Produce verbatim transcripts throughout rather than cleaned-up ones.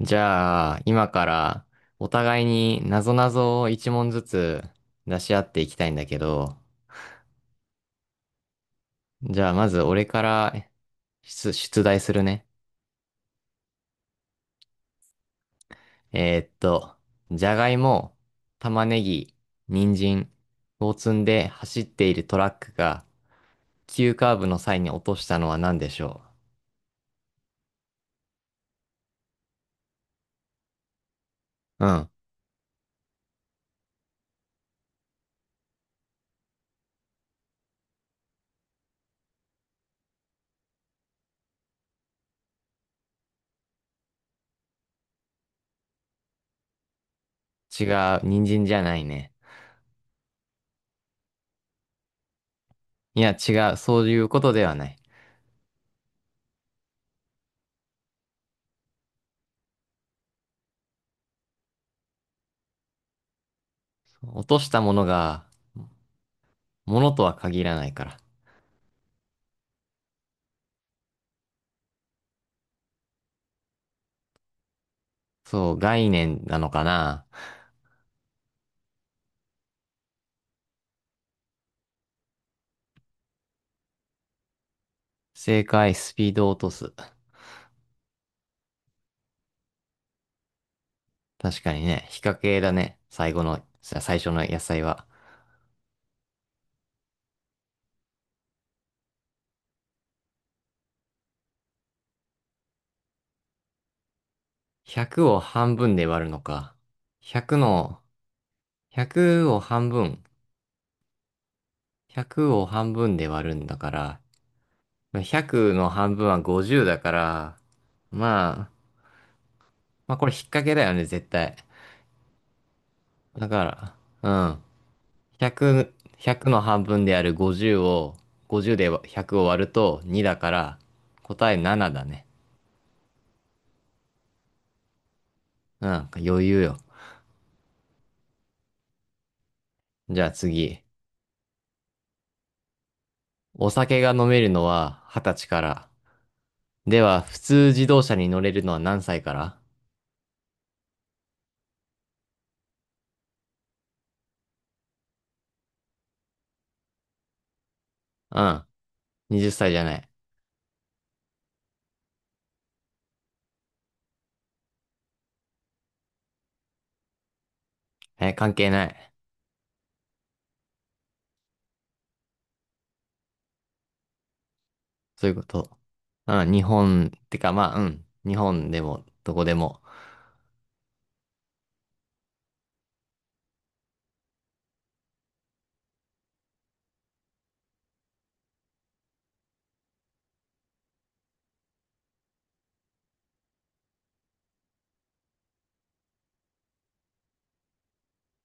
じゃあ、今からお互いに謎々を一問ずつ出し合っていきたいんだけど、じゃあまず俺から出、出題するね。えーっと、じゃがいも、玉ねぎ、人参を積んで走っているトラックが急カーブの際に落としたのは何でしょう？うん。違う。人参じゃないね。いや、違う。そういうことではない。落としたものが、ものとは限らないから。そう、概念なのかな？正解、スピードを落とす。確かにね、っ掛系だね。最後の、最初の野菜は。ひゃくを半分で割るのか。ひゃくの、ひゃくを半分。ひゃくを半分で割るんだから。ひゃくの半分はごじゅうだから。まあ、まあこれ引っ掛けだよね、絶対。だから、うん。ひゃく、ひゃくの半分であるごじゅうを、ごじゅうでひゃくを割るとにだから、答えななだね。うん、余裕よ。じゃあ次。お酒が飲めるのははたちから。では、普通自動車に乗れるのは何歳から？うん。はたちじゃない。え、関係ない。そういうこと。うん、日本、てかまあ、うん。日本でも、どこでも。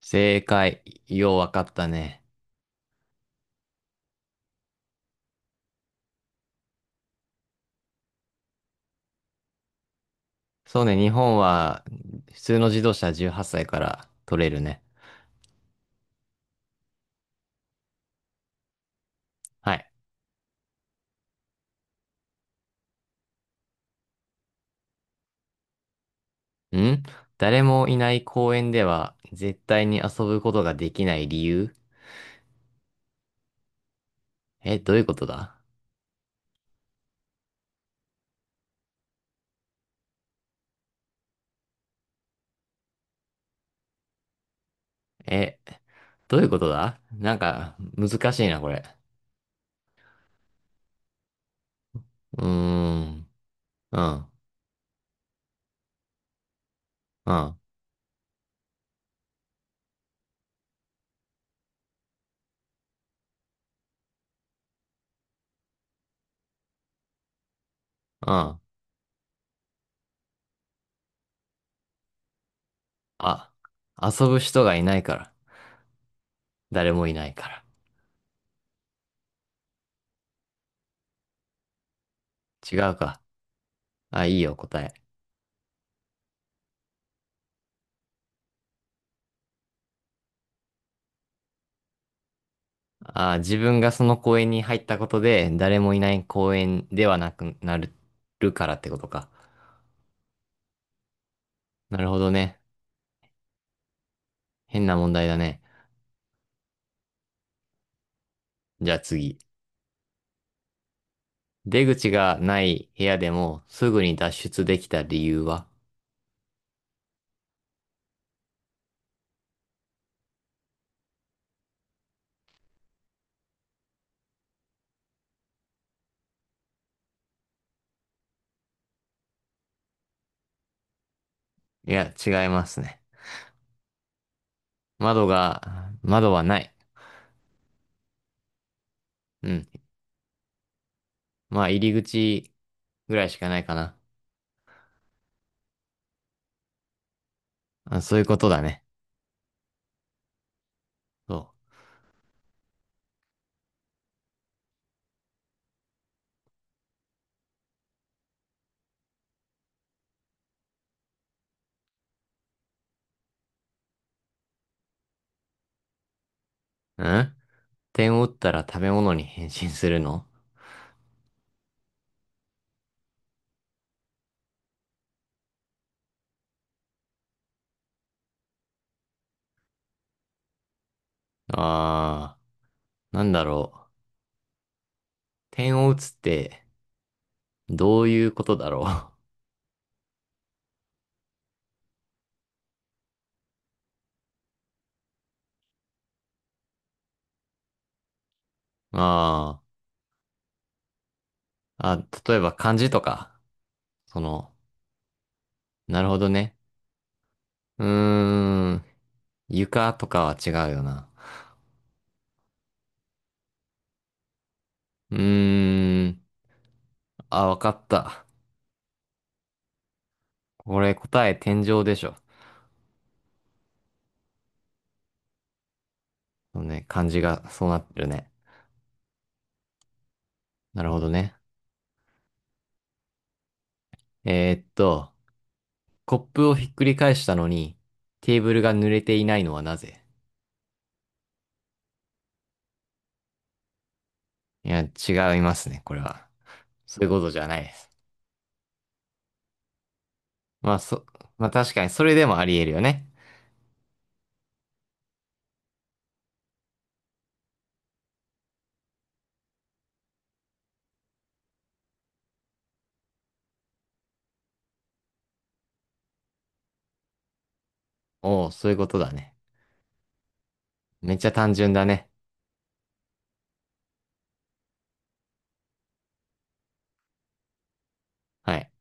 正解。ようわかったね。そうね、日本は、普通の自動車はじゅうはっさいから取れるね。はい。ん。誰もいない公園では、絶対に遊ぶことができない理由？え、どういうことだ？え、どういうことだ？なんか、難しいな、これ。うーん。うん。うん。うん。あ、遊ぶ人がいないから。誰もいないから。違うか。あ、いいよ、答え。あ、自分がその公園に入ったことで、誰もいない公園ではなくなる、るからってことか。なるほどね。変な問題だね。じゃあ次。出口がない部屋でも、すぐに脱出できた理由は？いや、違いますね。窓が、窓はない。うん。まあ、入り口ぐらいしかないかな。あ、そういうことだね。そう。うん。点を打ったら食べ物に変身するの？あー、なんだろう。点を打つって、どういうことだろう。あー、あ、例えば漢字とか。その、なるほどね。うーん、床とかは違うよな。うーん、あ、わかった。これ答え天井でしょ。そうね、漢字がそうなってるね。なるほどね。えーっと、コップをひっくり返したのに、テーブルが濡れていないのはなぜ？いや、違いますね、これは。そういうことじゃないです。まあ、そ、まあ確かにそれでもあり得るよね。おお、そういうことだね。めっちゃ単純だね。はい。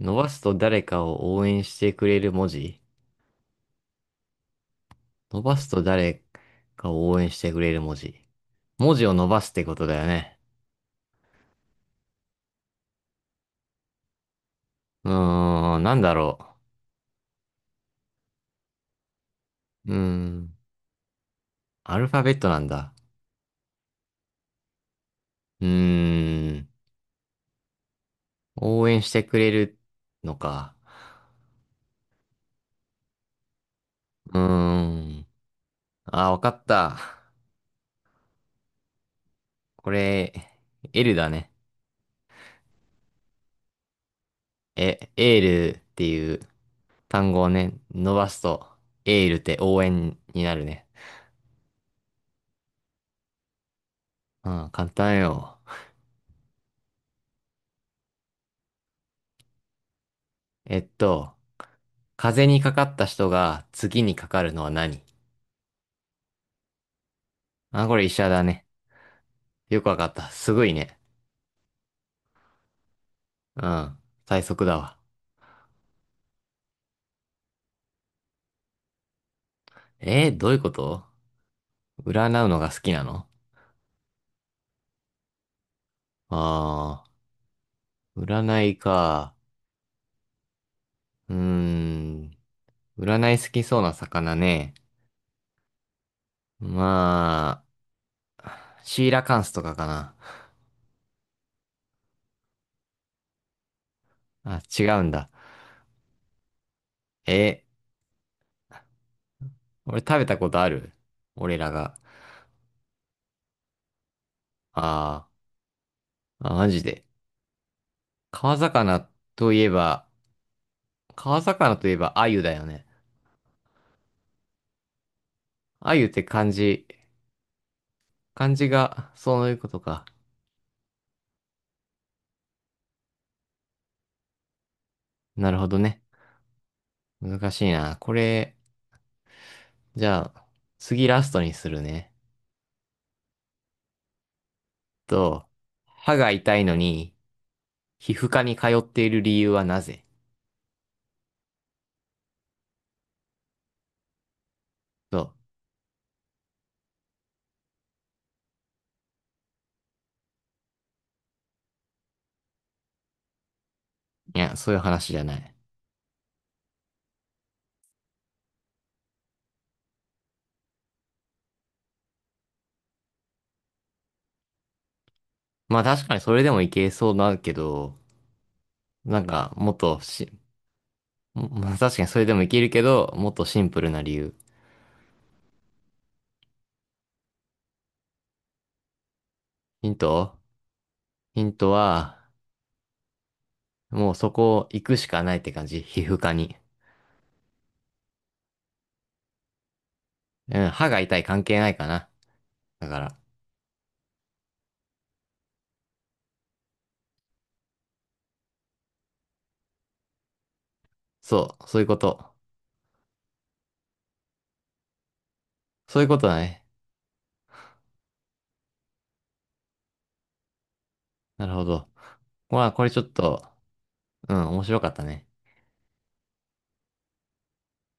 伸ばすと誰かを応援してくれる文字？伸ばすと誰かを応援してくれる文字。文字を伸ばすってことだよね。うーん、なんだろう。うーん、アルファベットなんだ。うーん、応援してくれるのか。うーん。あ、わかった。これ、L だね。え、エールっていう単語をね、伸ばすと、エールって応援になるね。うん、簡単よ。えっと、風邪にかかった人が次にかかるのは何？あ、これ医者だね。よくわかった。すごいね。うん、最速だわ。えーどういうこと？占うのが好きなの？あー、占いか。うーん、占い好きそうな魚ね。まあ、シーラカンスとかかな。あ、違うんだ。えー、俺食べたことある？俺らが。あーあ、マジで。川魚といえば、川魚といえば鮎だよね。鮎って漢字、漢字がそういうことか。なるほどね。難しいな。これ、じゃあ、次ラストにするね。と、歯が痛いのに、皮膚科に通っている理由はなぜ？と、いや、そういう話じゃない。まあ確かにそれでもいけそうだけど、なんかもっとし、まあ確かにそれでもいけるけど、もっとシンプルな理由。ヒントヒントは、もうそこ行くしかないって感じ。皮膚科に。うん、歯が痛い関係ないかな。だから、そう、そういうこと。そういうことだね。なるほど。まあこれちょっと、うん、面白かったね。